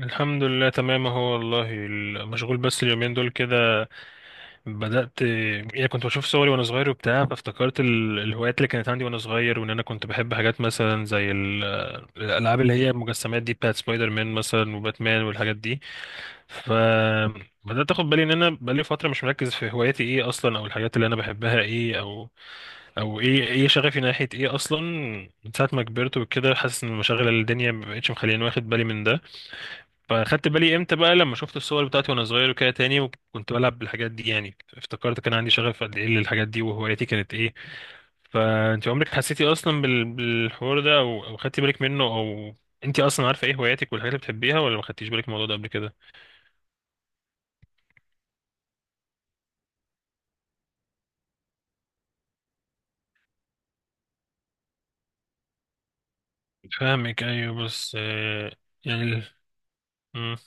الحمد لله، تمام اهو. والله مشغول بس اليومين دول كده. بدأت يعني كنت بشوف صوري وانا صغير وبتاع، فافتكرت الهوايات اللي كانت عندي وانا صغير، وان كنت بحب حاجات مثلا زي الالعاب اللي هي المجسمات دي، بتاعت سبايدر مان مثلا وباتمان والحاجات دي. فبدأت اخد بالي ان بقالي فترة مش مركز في هواياتي ايه اصلا، او الحاجات اللي انا بحبها ايه، او ايه شغفي ناحية ايه اصلا. من ساعة ما كبرت وكده حاسس ان مشاغل الدنيا مبقتش مخليني واخد بالي من ده. فاخدت بالي امتى بقى، لما شفت الصور بتاعتي وانا صغير وكده تاني وكنت بلعب بالحاجات دي، يعني افتكرت كان عندي شغف قد ايه للحاجات دي وهوايتي كانت ايه. فانت عمرك حسيتي اصلا بالحوار ده، او خدتي بالك منه؟ او انت اصلا عارفه ايه هواياتك والحاجات اللي بتحبيها، ولا ما خدتيش بالك من الموضوع ده قبل كده؟ فاهمك، ايوه بس يعني ال-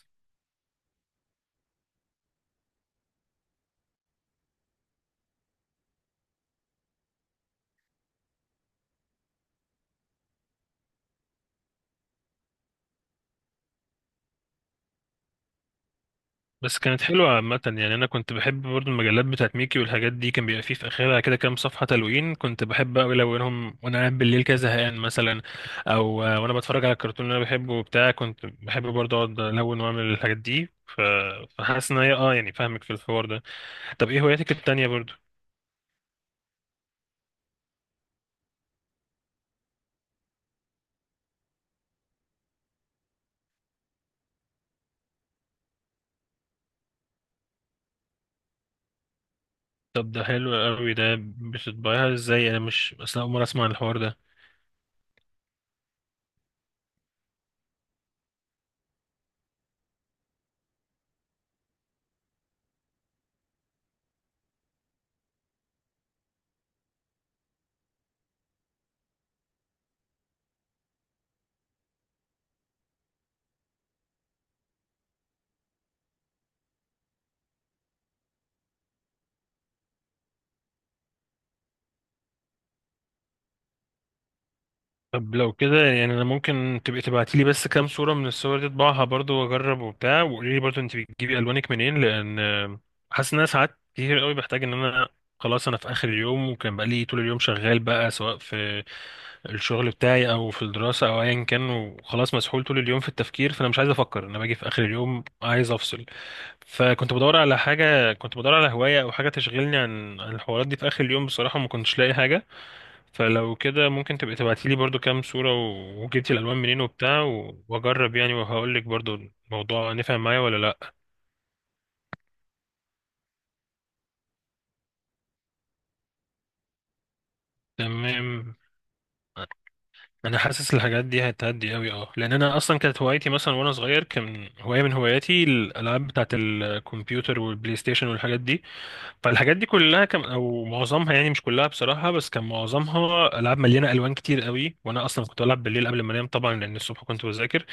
بس كانت حلوة عامة. يعني أنا كنت بحب برضو المجلات بتاعت ميكي والحاجات دي، كان بيبقى فيه في آخرها كده كام صفحة تلوين، كنت بحب أوي ألونهم وأنا قاعد بالليل كده زهقان مثلا. أو وأنا بتفرج على الكرتون اللي أنا بحبه وبتاع، كنت بحب برضو أقعد ألون وأعمل الحاجات دي فحاسس إن هي أه، يعني فاهمك في الحوار ده. طب إيه هواياتك التانية برضو؟ طب ده حلو أوي، ده بتطبعيها إزاي؟ أنا مش أصلا، أول مرة أسمع عن الحوار ده. طب لو كده، يعني انا ممكن تبقي تبعتي لي بس كام صورة من الصور دي اطبعها برضو واجرب وبتاع، وقولي لي برضو انت بتجيبي الوانك منين، لان حاسس ان انا ساعات كتير قوي بحتاج ان انا خلاص، انا في اخر اليوم وكان بقى لي طول اليوم شغال بقى، سواء في الشغل بتاعي او في الدراسة او ايا كان، وخلاص مسحول طول اليوم في التفكير، فانا مش عايز افكر، انا باجي في اخر اليوم عايز افصل. فكنت بدور على حاجة، كنت بدور على هواية او حاجة تشغلني عن الحوارات دي في اخر اليوم، بصراحة ما كنتش لاقي حاجة. فلو كده ممكن تبقي تبعتي لي برضو كام صورة وجبتي الألوان منين وبتاع وأجرب يعني، وهقول لك برضو الموضوع نفع معايا ولا لأ. تمام. أنا حاسس الحاجات دي هتهدي أوي أه، لأن أنا أصلا كانت هوايتي مثلا وأنا صغير، كان هواية من هواياتي الألعاب بتاعة الكمبيوتر والبلاي ستيشن والحاجات دي. فالحاجات دي كلها كان أو معظمها، يعني مش كلها بصراحة بس كان معظمها، ألعاب مليانة ألوان كتير أوي، وأنا أصلا كنت بلعب بالليل قبل ما أنام طبعا لأن الصبح كنت بذاكر.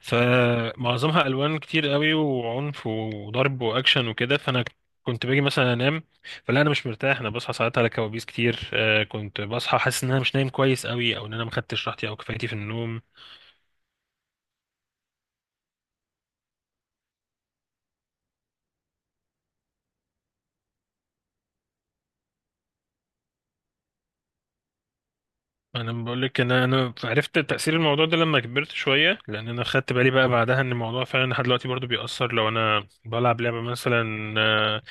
فمعظمها الوان كتير قوي وعنف وضرب واكشن وكده، فانا كنت باجي مثلا انام فلا، انا مش مرتاح، انا بصحى ساعات على كوابيس كتير. كنت بصحى حاسس ان انا مش نايم كويس قوي، او ان انا ما خدتش راحتي او كفايتي في النوم. انا بقول لك ان انا عرفت تاثير الموضوع ده لما كبرت شويه، لان انا خدت بالي بقى بعدها ان الموضوع فعلا لحد دلوقتي برضو بيأثر. لو انا بلعب لعبه مثلا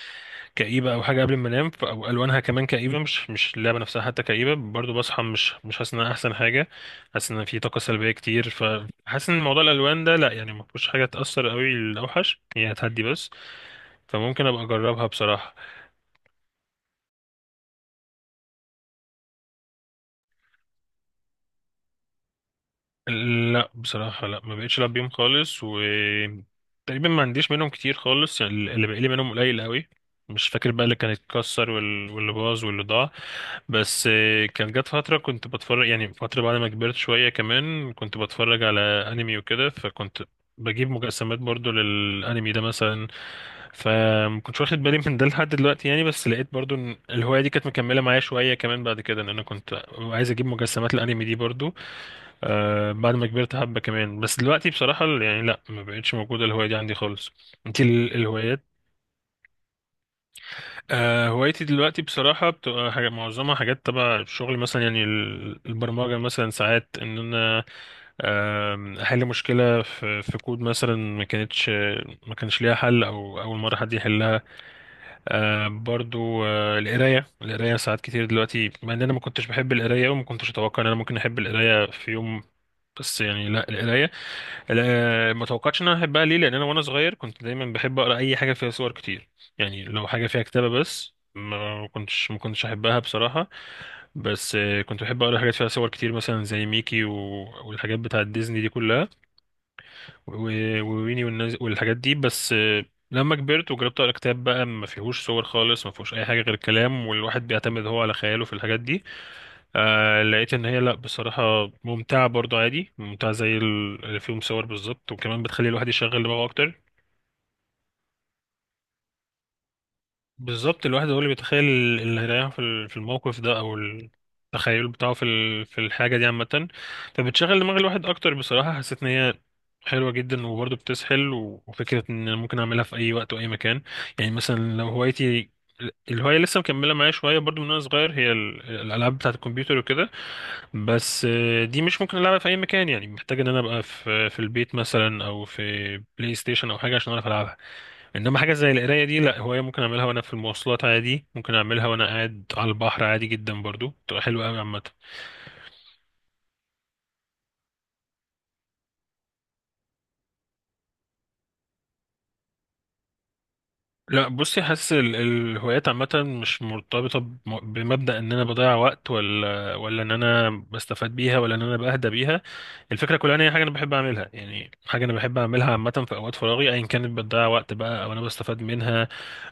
كئيبة أو حاجة قبل ما أنام، أو ألوانها كمان كئيبة، مش اللعبة نفسها حتى كئيبة، برضو بصحى مش حاسس إنها أحسن حاجة. حاسس إن في طاقة سلبية كتير، فحاسس إن موضوع الألوان ده لأ، يعني ما فيهوش حاجة تأثر قوي، الأوحش هي هتهدي بس. فممكن أبقى أجربها بصراحة. لا بصراحة لا، ما بقتش العب بيهم خالص، و تقريبا ما عنديش منهم كتير خالص، يعني اللي بقالي منهم قليل قوي. مش فاكر بقى اللي كان اتكسر واللي باظ واللي ضاع. بس كان جت فترة كنت بتفرج، يعني فترة بعد ما كبرت شوية كمان كنت بتفرج على انمي وكده، فكنت بجيب مجسمات برضو للانمي ده مثلا. فمكنتش واخد بالي من ده لحد دلوقتي يعني، بس لقيت برضو ان الهواية دي كانت مكملة معايا شوية كمان بعد كده، ان انا كنت عايز اجيب مجسمات الانمي دي برضو آه بعد ما كبرت حبة كمان. بس دلوقتي بصراحة يعني لا، ما بقتش موجودة الهواية دي عندي خالص. انت الهوايات آه، هوايتي دلوقتي بصراحة بتبقى حاجة معظمها حاجات تبع الشغل مثلا، يعني البرمجة مثلا ساعات ان انا احل مشكلة في كود مثلا، ما كانتش ما كانش ليها حل او اول مرة حد يحلها. آه، برضو آه، القراية ساعات كتير دلوقتي، مع ان انا ما كنتش بحب القراية، وما كنتش اتوقع ان انا ممكن احب القراية في يوم. بس يعني لا، القراية لا، ما توقعتش ان انا احبها ليه، لان انا وانا صغير كنت دايما بحب اقرا اي حاجه فيها صور كتير. يعني لو حاجه فيها كتابه بس، ما كنتش احبها بصراحه. بس كنت بحب اقرا حاجات فيها صور كتير مثلا زي ميكي والحاجات بتاعه ديزني دي كلها، وويني والناس والحاجات دي. بس لما كبرت وجربت اقرا كتاب بقى ما فيهوش صور خالص، ما فيهوش اي حاجه غير كلام والواحد بيعتمد هو على خياله في الحاجات دي، آه لقيت ان هي لا بصراحة ممتعة برضو، عادي، ممتعة زي اللي فيهم صور بالظبط، وكمان بتخلي الواحد يشغل دماغه اكتر. بالظبط، الواحد هو اللي بيتخيل اللي هيريحه في في الموقف ده، او التخيل بتاعه في في الحاجة دي عامة. فبتشغل دماغ الواحد اكتر بصراحة، حسيت ان هي حلوة جدا، وبرضو بتسحل، وفكرة ان أنا ممكن اعملها في اي وقت واي مكان. يعني مثلا لو هوايتي، الهواية لسه مكملة معايا شوية برضو من وانا صغير، هي الالعاب بتاعة الكمبيوتر وكده، بس دي مش ممكن ألعبها في أي مكان، يعني محتاج إن أنا أبقى في في البيت مثلا أو في بلاي ستيشن أو حاجة عشان أعرف ألعبها. إنما حاجة زي القراية دي لأ، هواية ممكن أعملها وأنا في المواصلات عادي، ممكن أعملها وأنا قاعد على البحر عادي جدا، برضو تبقى حلوة أوي عامة. لا بصي، حاسس الهوايات عامة مش مرتبطة بمبدأ ان انا بضيع وقت، ولا ان انا بستفاد بيها، ولا ان انا بهدى بيها. الفكرة كلها ان هي حاجة انا بحب اعملها، يعني حاجة انا بحب اعملها عامة في اوقات فراغي ايا كانت، بتضيع وقت بقى او انا بستفاد منها،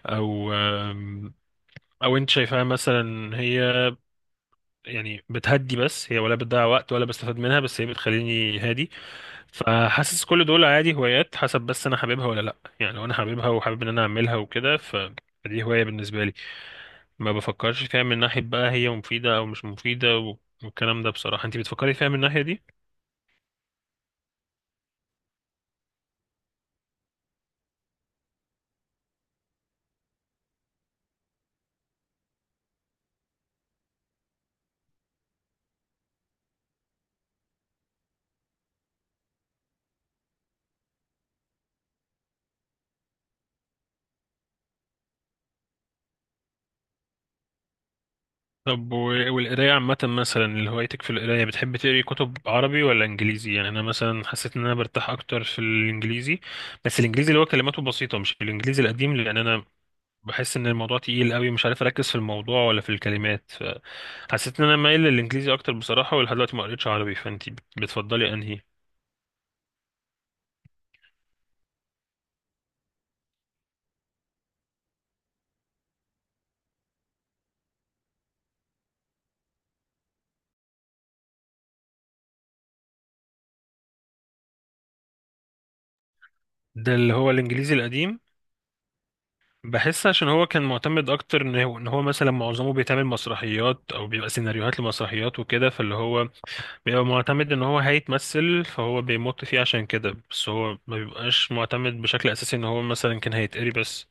او او انت شايفاها مثلا هي يعني بتهدي بس هي، ولا بتضيع وقت، ولا بستفاد منها بس هي بتخليني هادي. فحاسس كل دول عادي هوايات، حسب بس انا حاببها ولا لا. يعني لو انا حاببها وحابب ان انا اعملها وكده، فدي هواية بالنسبة لي، ما بفكرش فيها من ناحية بقى هي مفيدة او مش مفيدة والكلام ده. بصراحة انت بتفكري فيها من الناحية دي؟ طب والقراية عامة مثلا، اللي هوايتك في القراية، بتحب تقري كتب عربي ولا انجليزي؟ يعني انا مثلا حسيت ان انا برتاح اكتر في الانجليزي، بس الانجليزي اللي هو كلماته بسيطة، مش الانجليزي القديم، لان انا بحس ان الموضوع تقيل قوي، مش عارف اركز في الموضوع ولا في الكلمات. حسيت ان انا مايل للانجليزي اكتر بصراحه، ولحد دلوقتي ما قريتش عربي، فانت بتفضلي انهي؟ ده اللي هو الانجليزي القديم، بحس عشان هو كان معتمد اكتر ان هو مثلا معظمه بيتعمل مسرحيات او بيبقى سيناريوهات لمسرحيات وكده، فاللي هو بيبقى معتمد ان هو هيتمثل، فهو بيمط فيه عشان كده، بس هو ما بيبقاش معتمد بشكل اساسي ان هو مثلا كان هيتقري بس.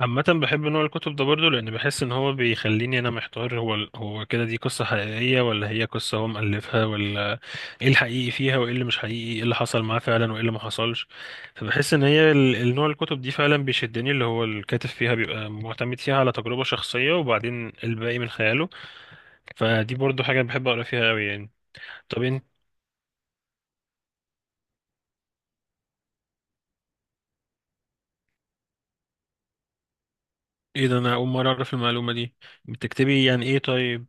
عامة بحب نوع الكتب ده برضه، لأن بحس إن هو بيخليني أنا محتار، هو كده دي قصة حقيقية، ولا هي قصة هو مؤلفها، ولا إيه الحقيقي فيها وإيه اللي مش حقيقي، إيه اللي حصل معاه فعلا وإيه اللي ما حصلش. فبحس إن هي النوع الكتب دي فعلا بيشدني، اللي هو الكاتب فيها بيبقى معتمد فيها على تجربة شخصية وبعدين الباقي من خياله. فدي برضه حاجة بحب أقرأ فيها أوي يعني. طب أنت، إيه ده، أنا أول مرة أعرف المعلومة دي. بتكتبي يعني إيه طيب؟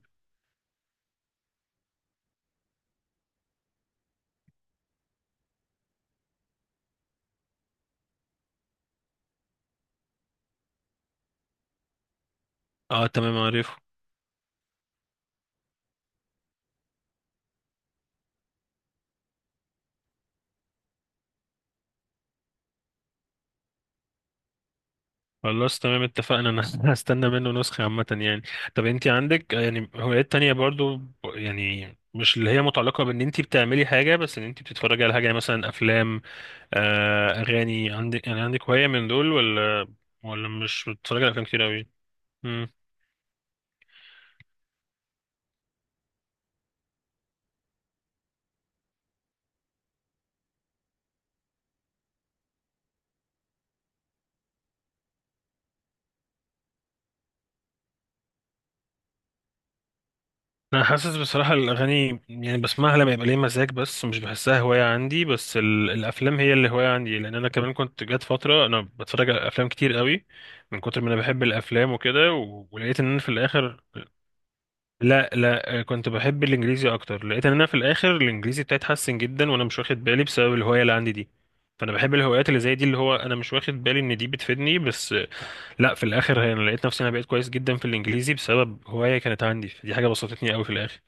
آه تمام عارف. خلاص تمام اتفقنا، انا هستنى منه نسخة عامة يعني. طب انت عندك يعني هوايات تانية برضو يعني مش اللي هي متعلقة بان انت بتعملي حاجة، بس ان انت بتتفرجي على حاجة، يعني مثلا افلام، آه اغاني، عندك يعني عندك هواية من دول، ولا ولا مش بتتفرجي على افلام كتير اوي؟ انا حاسس بصراحه الاغاني يعني بسمعها لما يبقى ليا مزاج، بس مش بحسها هوايه عندي. بس الافلام هي اللي هوايه عندي، لان انا كمان كنت جات فتره انا بتفرج على افلام كتير قوي من كتر ما انا بحب الافلام وكده ولقيت ان انا في الاخر لا كنت بحب الانجليزي اكتر، لقيت ان انا في الاخر الانجليزي بتاعي اتحسن جدا وانا مش واخد بالي، بسبب الهوايه اللي عندي دي. فانا بحب الهوايات اللي زي دي، اللي هو انا مش واخد بالي ان دي بتفيدني، بس لا في الاخر هي، انا لقيت نفسي انا بقيت كويس جدا في الانجليزي بسبب هوايه كانت عندي، فدي حاجه بسطتني قوي في الاخر.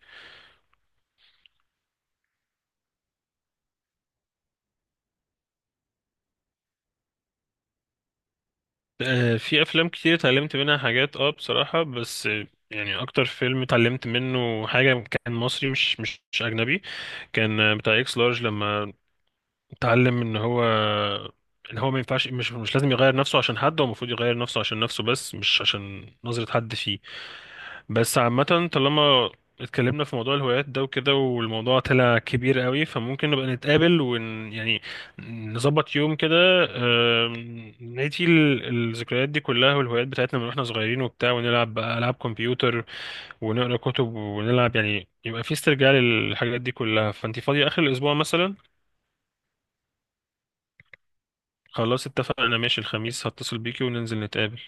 في افلام كتير اتعلمت منها حاجات اه بصراحة، بس يعني اكتر فيلم اتعلمت منه حاجة كان مصري، مش اجنبي، كان بتاع اكس لارج، لما اتعلم ان هو ما ينفعش، مش لازم يغير نفسه عشان حد، هو المفروض يغير نفسه عشان نفسه بس، مش عشان نظرة حد فيه. بس عامة، طالما اتكلمنا في موضوع الهوايات ده وكده، والموضوع طلع كبير قوي، فممكن نبقى نتقابل يعني نظبط يوم كده، نعيد الذكريات دي كلها والهوايات بتاعتنا من واحنا صغيرين وبتاع، ونلعب بقى ألعاب كمبيوتر ونقرا كتب ونلعب، يعني يبقى في استرجاع للحاجات دي كلها. فانت فاضية آخر الأسبوع مثلا؟ خلاص اتفقنا، ماشي، الخميس هتصل بيكي وننزل نتقابل.